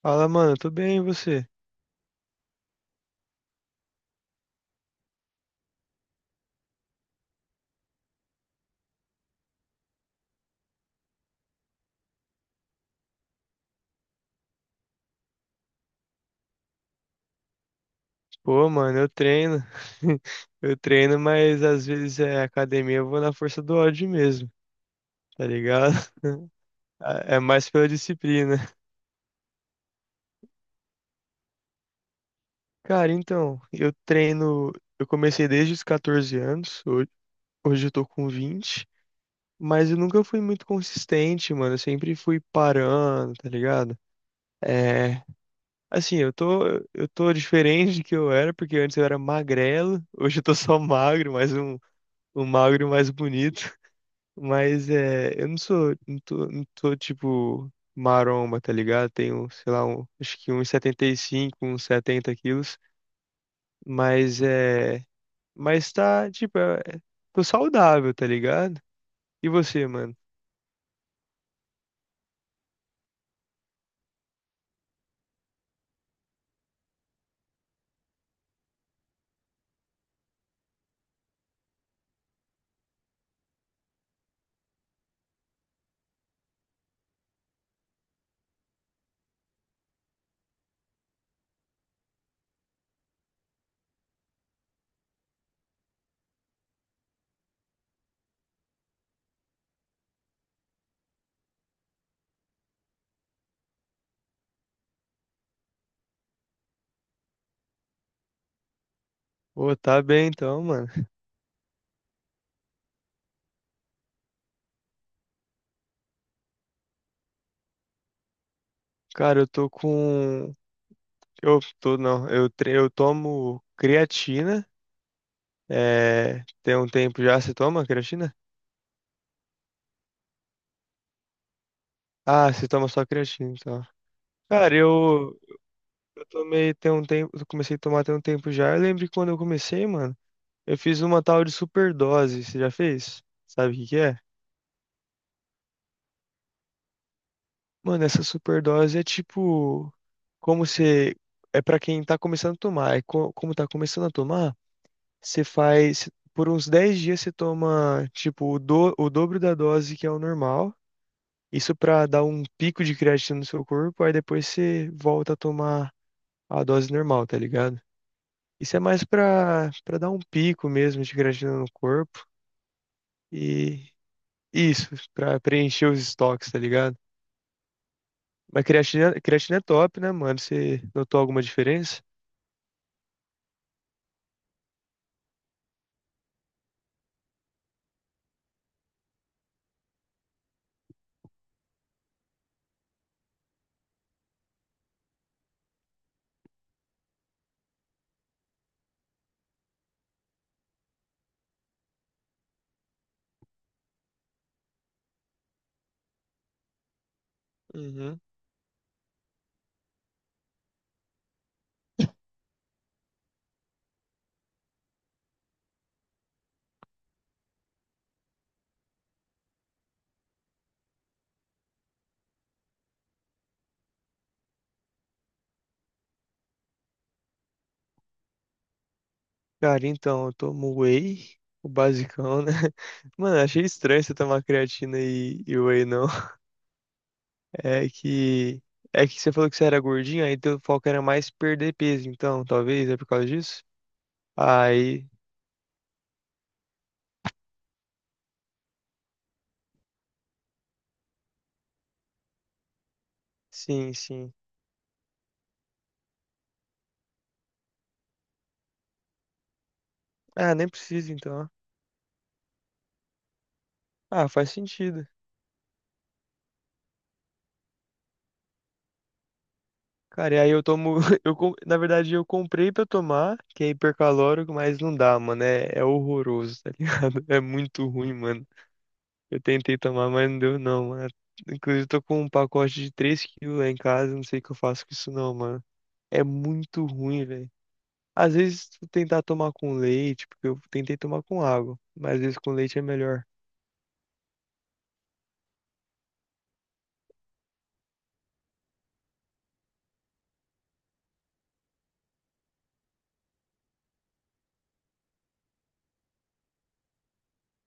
Fala, mano, tô bem, e você? Pô, mano, eu treino. Eu treino, mas às vezes é academia, eu vou na força do ódio mesmo, tá ligado? É mais pela disciplina. Cara, então, eu treino, eu comecei desde os 14 anos, hoje eu tô com 20, mas eu nunca fui muito consistente, mano, eu sempre fui parando, tá ligado? É, assim, eu tô diferente do que eu era, porque antes eu era magrelo, hoje eu tô só magro, um magro mais bonito. Mas eu não sou, não tô tipo maromba, tá ligado? Tenho, sei lá, um, acho que uns 75 uns 70 quilos, mas é, mas tá, tipo, tô saudável, tá ligado? E você, mano? Ô, tá bem então, mano. Cara, eu tô com, eu tô, não, eu, tre- eu tomo creatina, tem um tempo já, você toma creatina? Ah, você toma só creatina, então. Cara, eu, Tomei tem um tempo, eu comecei a tomar tem um tempo já. Eu lembro que quando eu comecei, mano, eu fiz uma tal de superdose. Você já fez? Sabe o que que é? Mano, essa superdose é tipo como você é pra quem tá começando a tomar. Como tá começando a tomar, você faz por uns 10 dias você toma o dobro da dose que é o normal. Isso pra dar um pico de creatina no seu corpo, aí depois você volta a tomar a dose normal, tá ligado? Isso é mais para dar um pico mesmo de creatina no corpo e isso, pra preencher os estoques, tá ligado? Mas creatina é top, né, mano? Você notou alguma diferença? Uhum. Cara, então, eu tomo whey, o basicão, né? Mano, achei estranho você tomar creatina e whey, não. É que. É que você falou que você era gordinho, aí teu foco era mais perder peso, então, talvez, é por causa disso? Aí, sim, sim. Ah, nem preciso, então. Ah, faz sentido. Cara, e aí eu tomo. Na verdade, eu comprei pra tomar, que é hipercalórico, mas não dá, mano. É horroroso, tá ligado? É muito ruim, mano. Eu tentei tomar, mas não deu, não, mano. Inclusive, eu tô com um pacote de 3 quilos lá em casa, não sei o que eu faço com isso, não, mano. É muito ruim, velho. Às vezes, tu tentar tomar com leite, porque eu tentei tomar com água, mas às vezes com leite é melhor.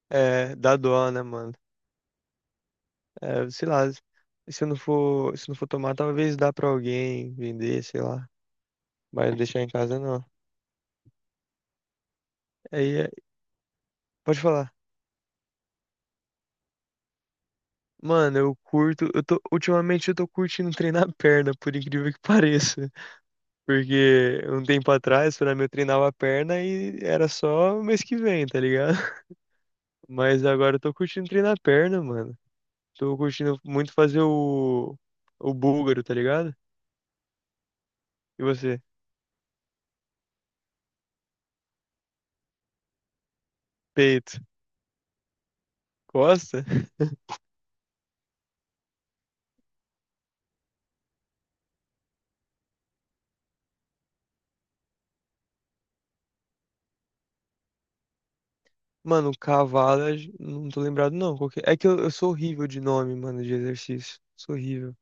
É, dá dó, né, mano? É, sei lá, se eu não for tomar, talvez dá pra alguém vender, sei lá. Mas deixar em casa não. Aí, é- Pode falar. Mano, ultimamente eu tô curtindo treinar a perna, por incrível que pareça. Porque um tempo atrás, pra mim, eu treinava a perna e era só mês que vem, tá ligado? Mas agora eu tô curtindo treinar a perna, mano. Tô curtindo muito fazer o búlgaro, tá ligado? E você? Peito. Costa? Mano, cavalo, não tô lembrado não. Qual que é? É que eu sou horrível de nome, mano, de exercício. Sou horrível.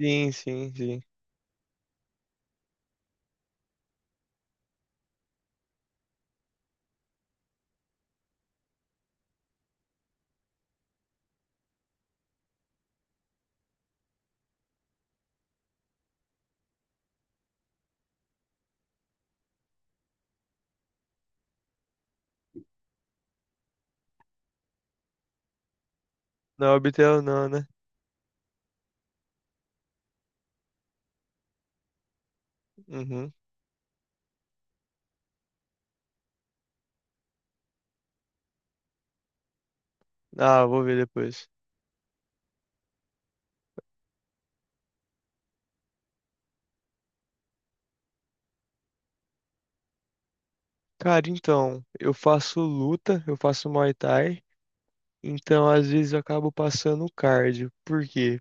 Sim, sim, sim. Na orbital não, né? Uhum. Ah, vou ver depois. Cara, então, eu faço luta, eu faço Muay Thai, então às vezes eu acabo passando cardio. Por quê?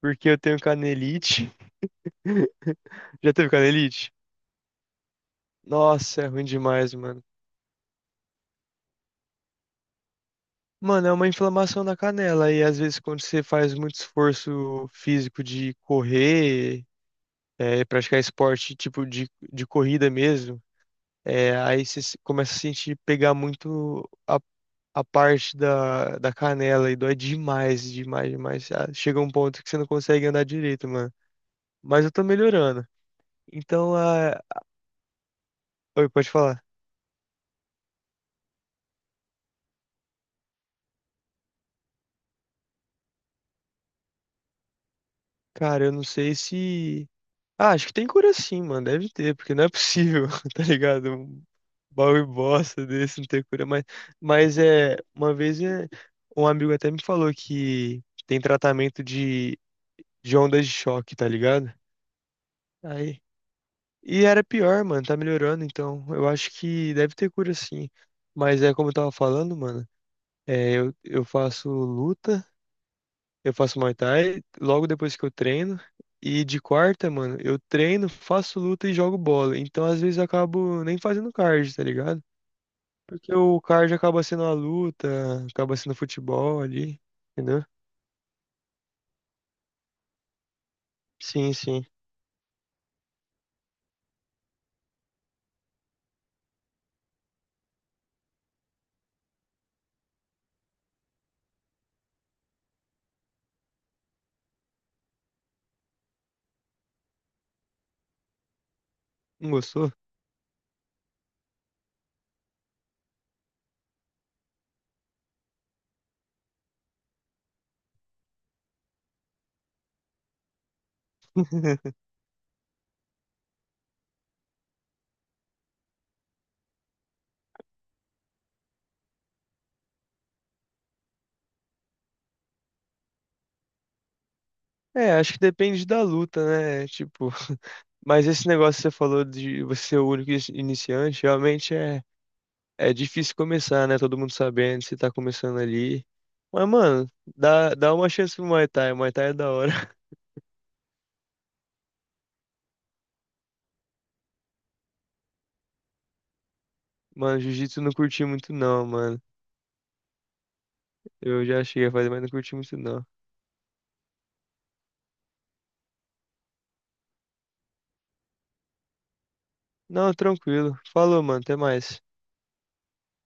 Porque eu tenho canelite. Já teve canelite? Nossa, é ruim demais, mano. Mano, é uma inflamação na canela e às vezes quando você faz muito esforço físico de correr, praticar esporte tipo de corrida mesmo, aí você começa a sentir pegar muito a parte da canela e dói demais, demais, demais. Chega um ponto que você não consegue andar direito, mano. Mas eu tô melhorando. Então, ah, Pode falar. Cara, eu não sei se. Ah, acho que tem cura sim, mano. Deve ter, porque não é possível, tá ligado? Um baú bosta desse não ter cura. Mas é. Uma vez um amigo até me falou que tem tratamento de ondas de choque, tá ligado? Aí, e era pior, mano, tá melhorando, então eu acho que deve ter cura sim. Mas é como eu tava falando, mano, eu faço luta, eu faço Muay Thai logo depois que eu treino. E de quarta, mano, eu treino, faço luta e jogo bola. Então às vezes eu acabo nem fazendo cardio, tá ligado? Porque o cardio acaba sendo a luta, acaba sendo futebol ali, entendeu? Sim, sim. Não gostou? É, acho que depende da luta, né? Tipo. Mas esse negócio que você falou de você ser o único iniciante, realmente é, é difícil começar, né? Todo mundo sabendo, você tá começando ali. Mas, mano, dá uma chance pro Muay Thai. Muay Thai é da hora. Mano, Jiu-Jitsu eu não curti muito não, mano. Eu já cheguei a fazer, mas não curti muito não. Não, tranquilo. Falou, mano. Até mais.